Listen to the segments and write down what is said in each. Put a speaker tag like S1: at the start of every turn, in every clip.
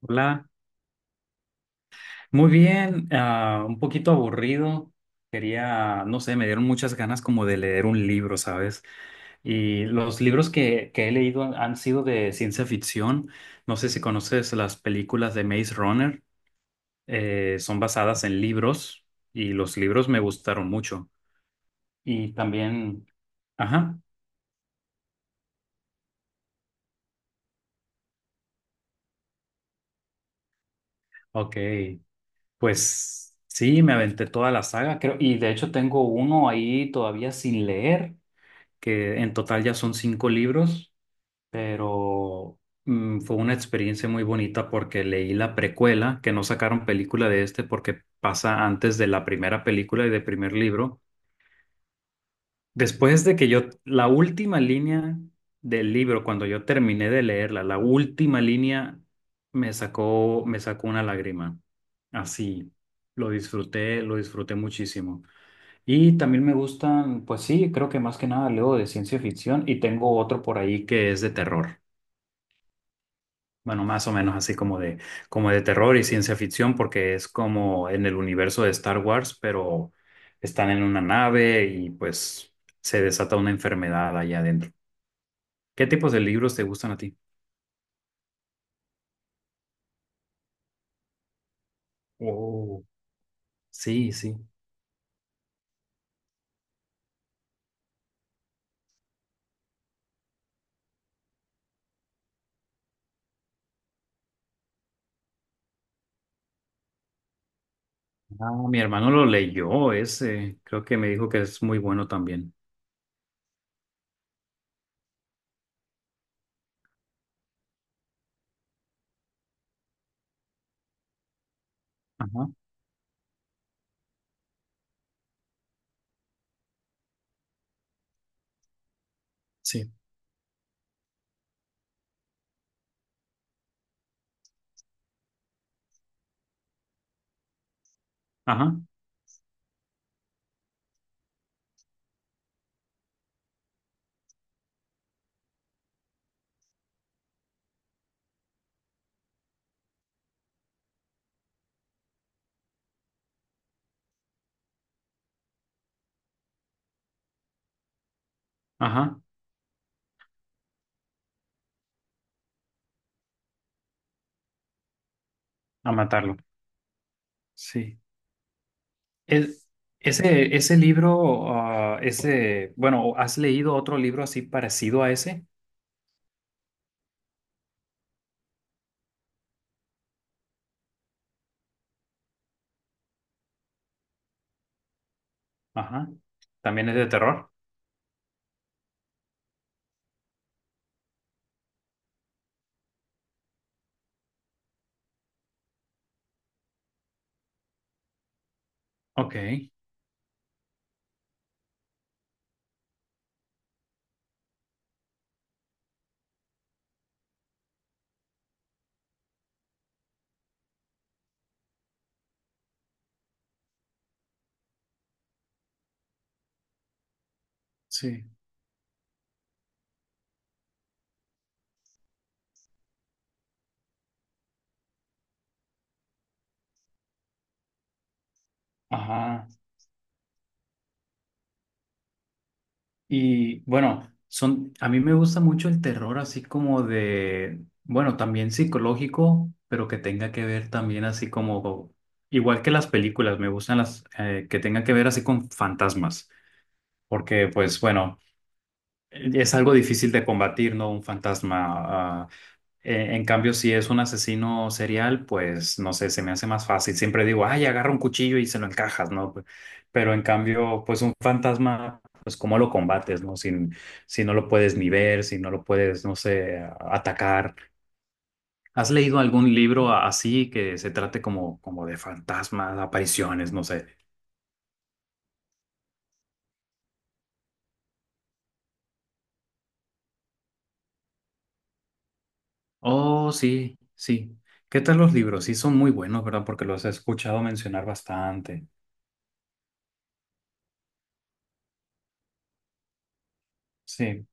S1: Hola, muy bien, un poquito aburrido. Quería, no sé, me dieron muchas ganas como de leer un libro, ¿sabes? Y los libros que he leído han sido de ciencia ficción. No sé si conoces las películas de Maze Runner, son basadas en libros y los libros me gustaron mucho. Y también, ajá, ok, pues sí, me aventé toda la saga, creo, y de hecho tengo uno ahí todavía sin leer, que en total ya son cinco libros, pero fue una experiencia muy bonita porque leí la precuela, que no sacaron película de este porque pasa antes de la primera película y del primer libro. Después de que yo, la última línea del libro, cuando yo terminé de leerla, la última línea me sacó una lágrima. Así, lo disfruté muchísimo. Y también me gustan, pues sí, creo que más que nada leo de ciencia ficción y tengo otro por ahí que es de terror. Bueno, más o menos así como de terror y ciencia ficción, porque es como en el universo de Star Wars, pero están en una nave y pues se desata una enfermedad allá adentro. ¿Qué tipos de libros te gustan a ti? Oh. Sí, sí. Ah, mi hermano lo leyó ese. Creo que me dijo que es muy bueno también. Ajá, sí. Ajá, ajá. A matarlo. Sí. Es- ese libro, ah, ese, bueno, ¿has leído otro libro así parecido a ese? Ajá. ¿También es de terror? Ok, sí. Ajá. Y bueno, son, a mí me gusta mucho el terror así como de, bueno, también psicológico, pero que tenga que ver también así como, igual que las películas, me gustan las que tengan que ver así con fantasmas, porque pues bueno, es algo difícil de combatir, ¿no? Un fantasma. En cambio, si es un asesino serial, pues no sé, se me hace más fácil. Siempre digo, ay, agarra un cuchillo y se lo encajas, ¿no? Pe- Pero en cambio, pues un fantasma, pues cómo lo combates, ¿no? Si, si no lo puedes ni ver, si no lo puedes, no sé, a- atacar. ¿Has leído algún libro a- así que se trate como de fantasmas, apariciones, no sé? Oh, sí, sí. ¿Qué tal los libros? Sí, son muy buenos, ¿verdad? Porque los he escuchado mencionar bastante. Sí,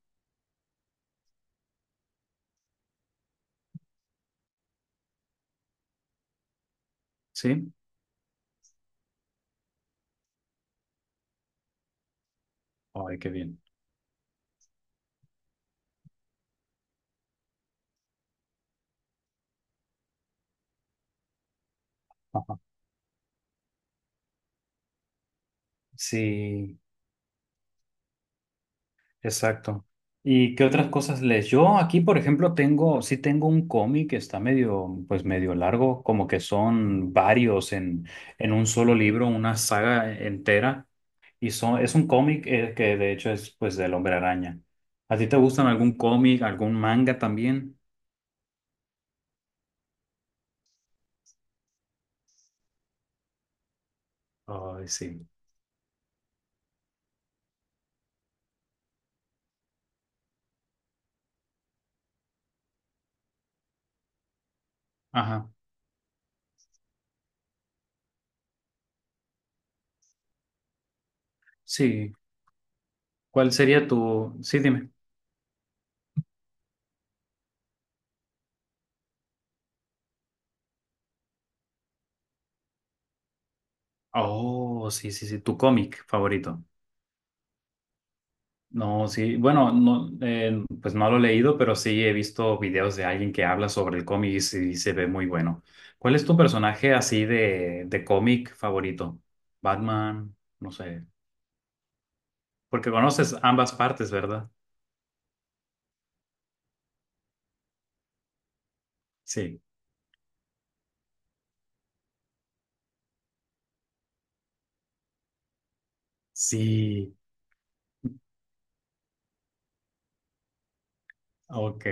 S1: sí. Ay, qué bien. Sí, exacto. ¿Y qué otras cosas lees? Yo aquí, por ejemplo, tengo, sí tengo un cómic que está medio, pues medio largo, como que son varios en un solo libro, una saga entera. Y son, es un cómic que de hecho es pues del Hombre Araña. ¿A ti te gustan algún cómic, algún manga también? Ay, sí. Ajá. Sí. ¿Cuál sería tu... Sí, dime. Oh, sí, sí, sí, tu cómic favorito. No, sí, bueno, no, pues no lo he leído, pero sí he visto videos de alguien que habla sobre el cómic y sí se ve muy bueno. ¿Cuál es tu personaje así de cómic favorito? Batman, no sé, porque conoces ambas partes, ¿verdad? Sí, sí, ok,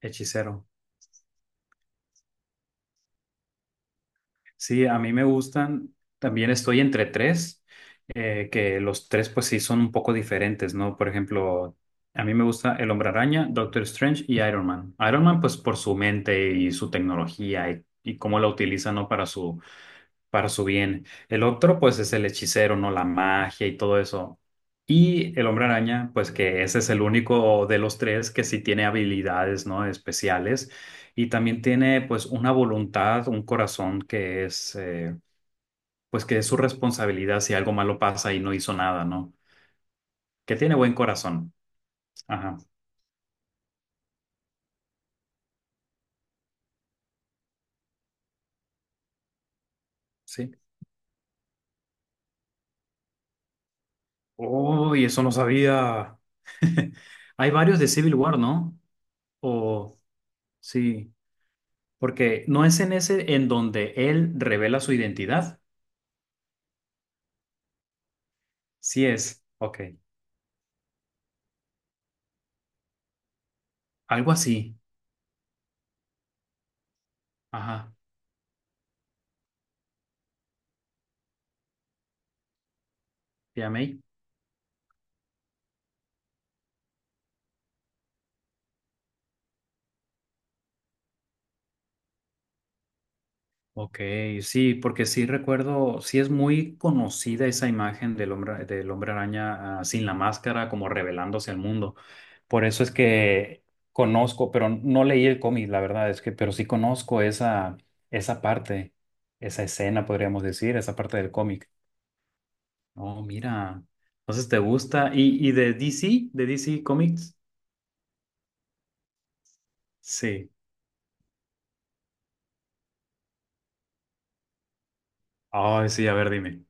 S1: hechicero. Sí, a mí me gustan. También estoy entre tres, que los tres pues sí son un poco diferentes, ¿no? Por ejemplo, a mí me gusta El Hombre Araña, Doctor Strange y Iron Man. Iron Man pues por su mente y su tecnología y cómo la utiliza, ¿no? Para su bien. El otro, pues, es el hechicero, ¿no? La magia y todo eso. Y el hombre araña, pues, que ese es el único de los tres que sí tiene habilidades, ¿no? Especiales. Y también tiene, pues, una voluntad, un corazón que es, pues, que es su responsabilidad si algo malo pasa y no hizo nada, ¿no? Que tiene buen corazón. Ajá, sí. Uy, eso no sabía. Hay varios de Civil War, ¿no? O, sí. Porque no es en ese en donde él revela su identidad. Sí es. Ok. Algo así. Ajá. ¿Ya me? Ok, sí, porque sí recuerdo, sí es muy conocida esa imagen del hombre araña, ah, sin la máscara, como revelándose al mundo. Por eso es que conozco, pero no leí el cómic, la verdad es que, pero sí conozco esa, esa parte, esa escena, podríamos decir, esa parte del cómic. Oh, mira. Entonces te gusta. Y de DC? ¿De DC Comics? Sí. Ay, sí, a ver, dime.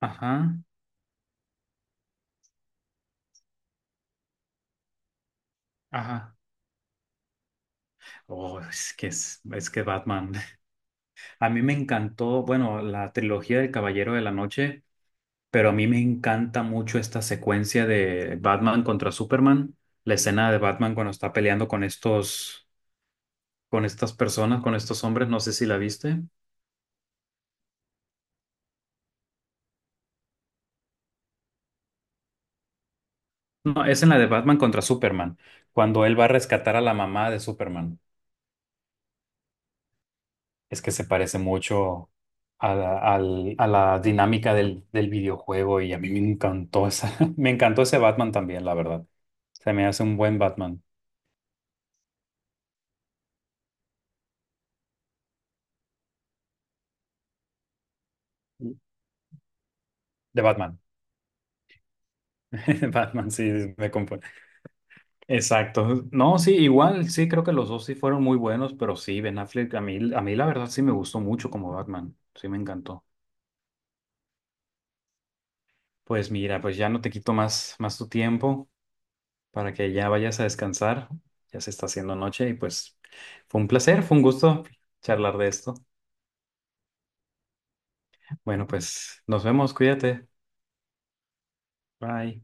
S1: Ajá, ajá. Oh, es que Batman. A mí me encantó, bueno, la trilogía del Caballero de la Noche, pero a mí me encanta mucho esta secuencia de Batman contra Superman. La escena de Batman cuando está peleando con estos, con estas personas, con estos hombres, no sé si la viste. No, es en la de Batman contra Superman, cuando él va a rescatar a la mamá de Superman. Es que se parece mucho a la, al- a la dinámica del videojuego y a mí me encantó esa, me encantó ese Batman también, la verdad. Se me hace un buen Batman. De Batman. Batman, sí, me confundo. Exacto. No, sí, igual, sí, creo que los dos sí fueron muy buenos, pero sí, Ben Affleck, a mí la verdad sí me gustó mucho como Batman. Sí, me encantó. Pues mira, pues ya no te quito más tu tiempo, para que ya vayas a descansar. Ya se está haciendo noche y pues fue un placer, fue un gusto charlar de esto. Bueno, pues nos vemos, cuídate. Bye.